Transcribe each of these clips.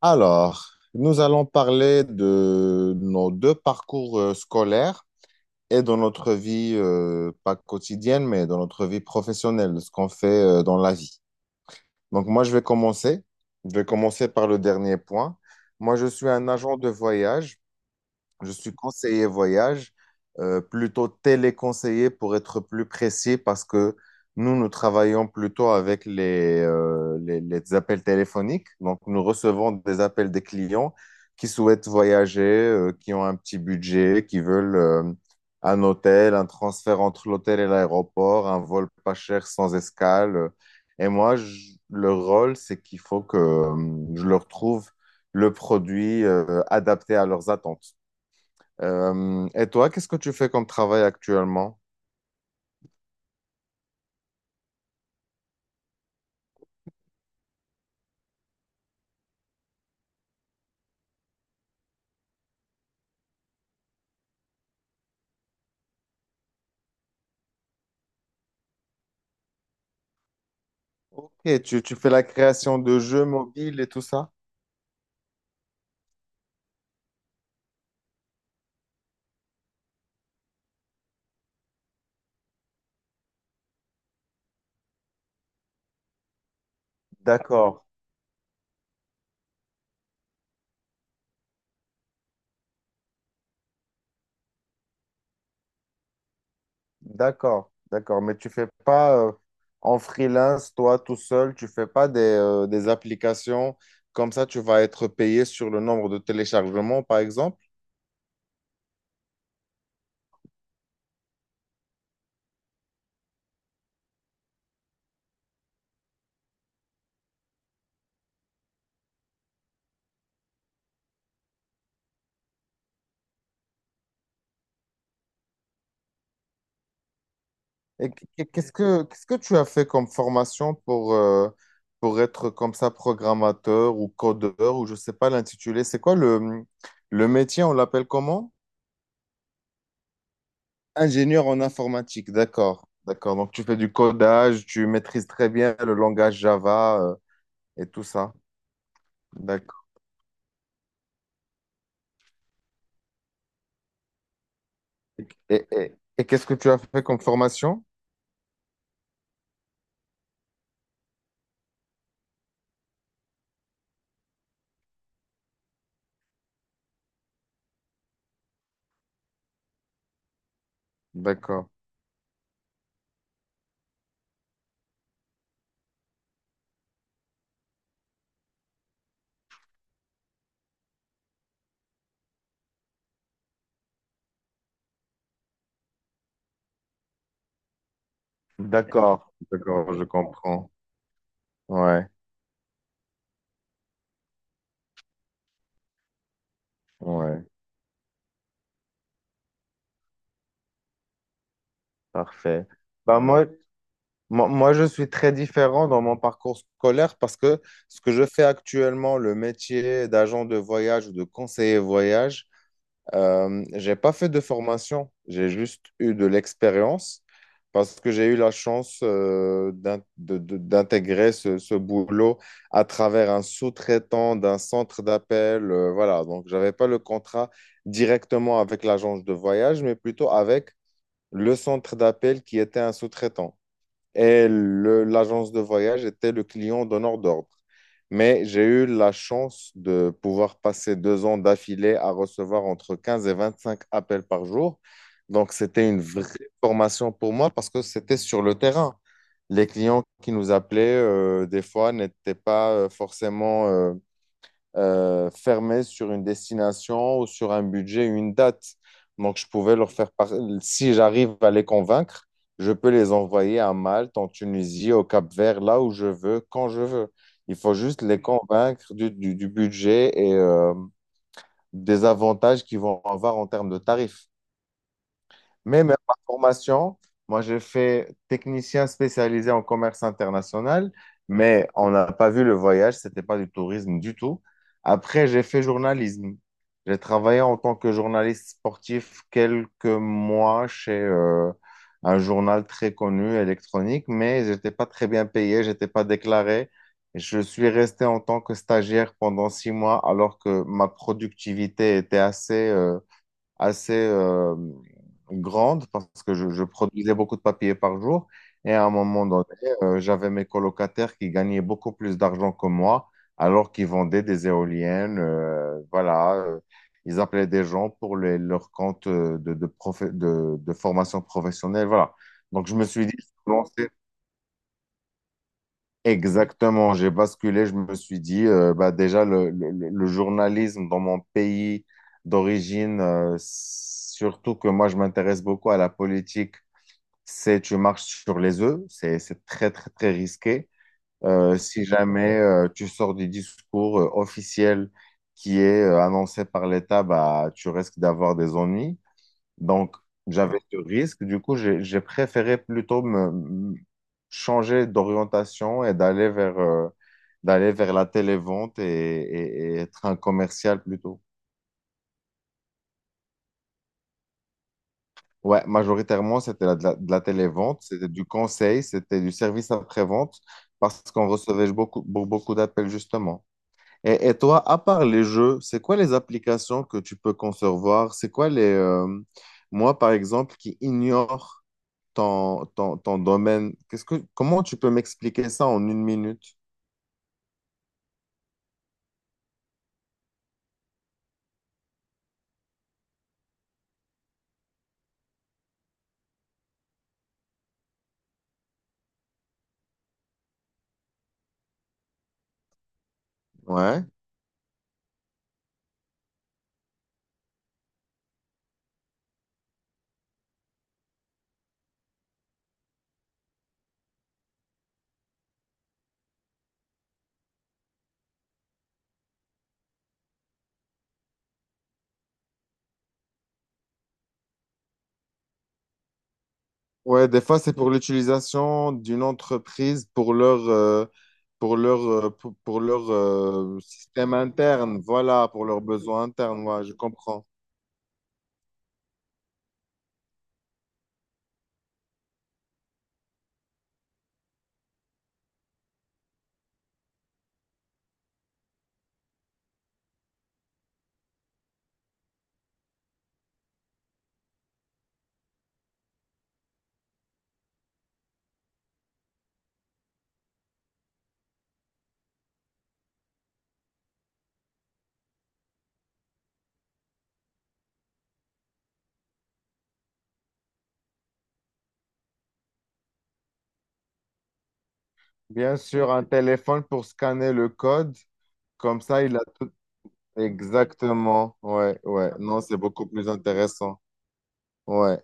Alors, nous allons parler de nos deux parcours scolaires et de notre vie, pas quotidienne, mais de notre vie professionnelle, de ce qu'on fait dans la vie. Donc, moi, je vais commencer. Je vais commencer par le dernier point. Moi, je suis un agent de voyage. Je suis conseiller voyage, plutôt téléconseiller pour être plus précis parce que nous, nous travaillons plutôt avec les appels téléphoniques. Donc, nous recevons des appels des clients qui souhaitent voyager, qui ont un petit budget, qui veulent un hôtel, un transfert entre l'hôtel et l'aéroport, un vol pas cher sans escale. Et moi, le rôle, c'est qu'il faut que je leur trouve le produit adapté à leurs attentes. Et toi, qu'est-ce que tu fais comme travail actuellement? Ok, tu fais la création de jeux mobiles et tout ça? D'accord. D'accord, d'accord. Mais tu fais pas en freelance, toi tout seul, tu fais pas des applications comme ça, tu vas être payé sur le nombre de téléchargements, par exemple. Et qu'est-ce que tu as fait comme formation pour être comme ça programmateur ou codeur ou je sais pas l'intitulé. C'est quoi le métier, on l'appelle comment? Ingénieur en informatique, d'accord, d'accord. Donc tu fais du codage, tu maîtrises très bien le langage Java, et tout ça. Et qu'est-ce que tu as fait comme formation? D'accord, d'accord, d'accord, je comprends. Ouais, ouais, parfait. Bah ouais. Moi, je suis très différent dans mon parcours scolaire parce que ce que je fais actuellement, le métier d'agent de voyage ou de conseiller voyage, j'ai pas fait de formation, j'ai juste eu de l'expérience parce que j'ai eu la chance d'intégrer ce boulot à travers un sous-traitant d'un centre d'appel. Voilà, donc j'avais pas le contrat directement avec l'agence de voyage, mais plutôt avec le centre d'appel qui était un sous-traitant et l'agence de voyage était le client d'honneur d'ordre. Mais j'ai eu la chance de pouvoir passer 2 ans d'affilée à recevoir entre 15 et 25 appels par jour. Donc, c'était une vraie formation pour moi parce que c'était sur le terrain. Les clients qui nous appelaient, des fois, n'étaient pas forcément fermé sur une destination ou sur un budget, une date. Donc, je pouvais leur si j'arrive à les convaincre, je peux les envoyer à Malte, en Tunisie, au Cap-Vert, là où je veux, quand je veux. Il faut juste les convaincre du budget et des avantages qu'ils vont avoir en termes de tarifs. Mais même ma formation, moi j'ai fait technicien spécialisé en commerce international, mais on n'a pas vu le voyage, c'était pas du tourisme du tout. Après, j'ai fait journalisme. J'ai travaillé en tant que journaliste sportif quelques mois chez un journal très connu électronique, mais j'étais pas très bien payé, j'étais pas déclaré. Je suis resté en tant que stagiaire pendant 6 mois alors que ma productivité était assez, assez euh, grande parce que je produisais beaucoup de papier par jour. Et à un moment donné, j'avais mes colocataires qui gagnaient beaucoup plus d'argent que moi alors qu'ils vendaient des éoliennes. Voilà, ils appelaient des gens pour leur compte de formation professionnelle. Voilà. Donc je me suis dit, exactement, j'ai basculé, je me suis dit, bah déjà, le journalisme dans mon pays d'origine, surtout que moi, je m'intéresse beaucoup à la politique, c'est tu marches sur les œufs, c'est très, très, très risqué. Si jamais tu sors du discours officiel qui est annoncé par l'État, bah, tu risques d'avoir des ennuis. Donc, j'avais ce risque. Du coup, j'ai préféré plutôt me changer d'orientation et d'aller vers la télévente et être un commercial plutôt. Ouais, majoritairement, c'était de la télévente, c'était du conseil, c'était du service après-vente parce qu'on recevait beaucoup d'appels justement. Et toi, à part les jeux, c'est quoi les applications que tu peux concevoir? C'est quoi les... moi, par exemple, qui ignore ton domaine. Qu'est-ce que, comment tu peux m'expliquer ça en une minute? Ouais. Ouais, des fois, c'est pour l'utilisation d'une entreprise pour pour leur système interne. Voilà, pour leurs besoins internes. Ouais, je comprends. Bien sûr, un téléphone pour scanner le code. Comme ça, il a tout. Exactement. Ouais, ouais. Non, c'est beaucoup plus intéressant. Ouais.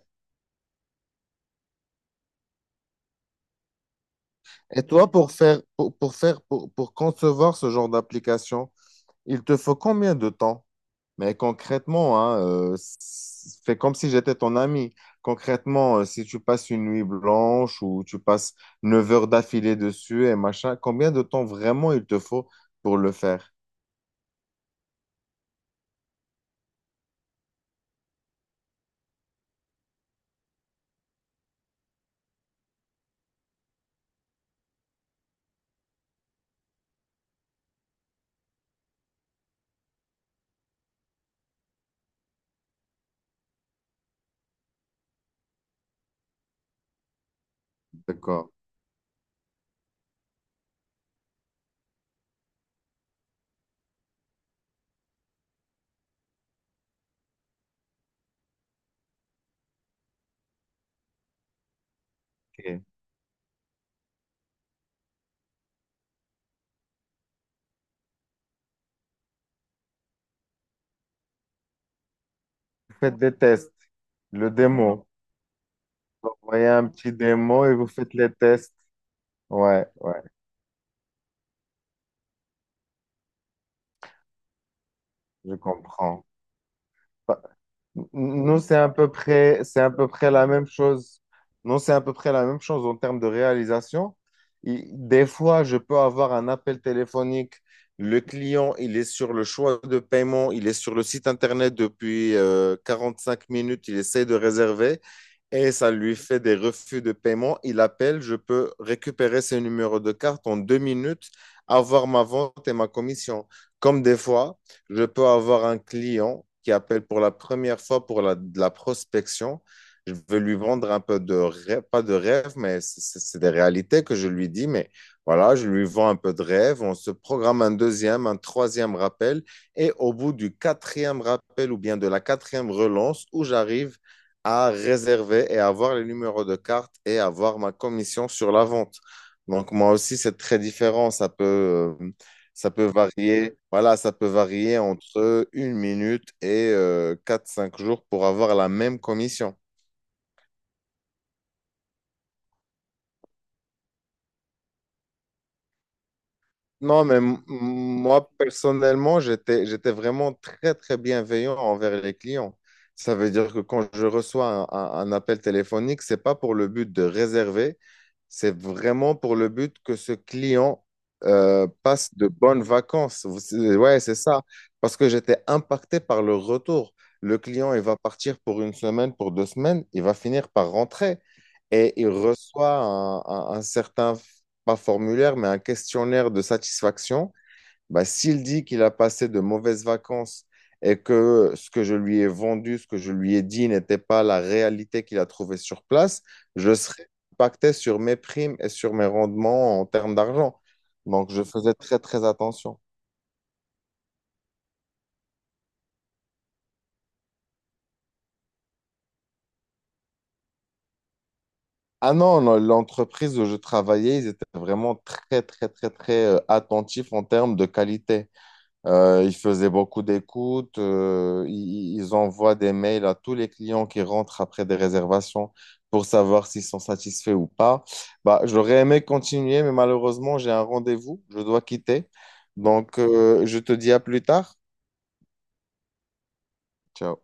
Et toi, pour concevoir ce genre d'application, il te faut combien de temps? Mais concrètement, hein, fais comme si j'étais ton ami. Concrètement, si tu passes une nuit blanche ou tu passes 9 heures d'affilée dessus et machin, combien de temps vraiment il te faut pour le faire? D'accord. Ok. Faites des tests, le démo. Vous voyez un petit démo et vous faites les tests. Ouais, ouais, je comprends. Nous, c'est à peu près la même chose. Non, c'est à peu près la même chose en termes de réalisation. Des fois, je peux avoir un appel téléphonique. Le client, il est sur le choix de paiement, il est sur le site internet depuis 5 minutes, il essaie de réserver et ça lui fait des refus de paiement. Il appelle, je peux récupérer ses numéros de carte en 2 minutes, avoir ma vente et ma commission. Comme des fois, je peux avoir un client qui appelle pour la première fois pour de la prospection. Je veux lui vendre un peu de rêve, pas de rêve, mais c'est des réalités que je lui dis. Mais voilà, je lui vends un peu de rêve. On se programme un deuxième, un troisième rappel. Et au bout du quatrième rappel ou bien de la quatrième relance, où j'arrive à réserver et avoir les numéros de carte et avoir ma commission sur la vente. Donc moi aussi, c'est très différent. Ça peut varier. Voilà, ça peut varier entre une minute et 4-5 jours pour avoir la même commission. Non, mais moi, personnellement, j'étais vraiment très, très bienveillant envers les clients. Ça veut dire que quand je reçois un appel téléphonique, c'est pas pour le but de réserver, c'est vraiment pour le but que ce client passe de bonnes vacances. Vous- c'est- ouais, c'est ça. Parce que j'étais impacté par le retour. Le client, il va partir pour une semaine, pour deux semaines, il va finir par rentrer et il reçoit un certain pas formulaire, mais un questionnaire de satisfaction, bah, s'il dit qu'il a passé de mauvaises vacances et que ce que je lui ai vendu, ce que je lui ai dit n'était pas la réalité qu'il a trouvée sur place, je serais impacté sur mes primes et sur mes rendements en termes d'argent. Donc, je faisais très, très attention. Ah non, non, l'entreprise où je travaillais, ils étaient vraiment très, très, très, très attentifs en termes de qualité. Ils faisaient beaucoup d'écoutes. Ils envoient des mails à tous les clients qui rentrent après des réservations pour savoir s'ils sont satisfaits ou pas. Bah, j'aurais aimé continuer, mais malheureusement, j'ai un rendez-vous. Je dois quitter. Donc, je te dis à plus tard. Ciao.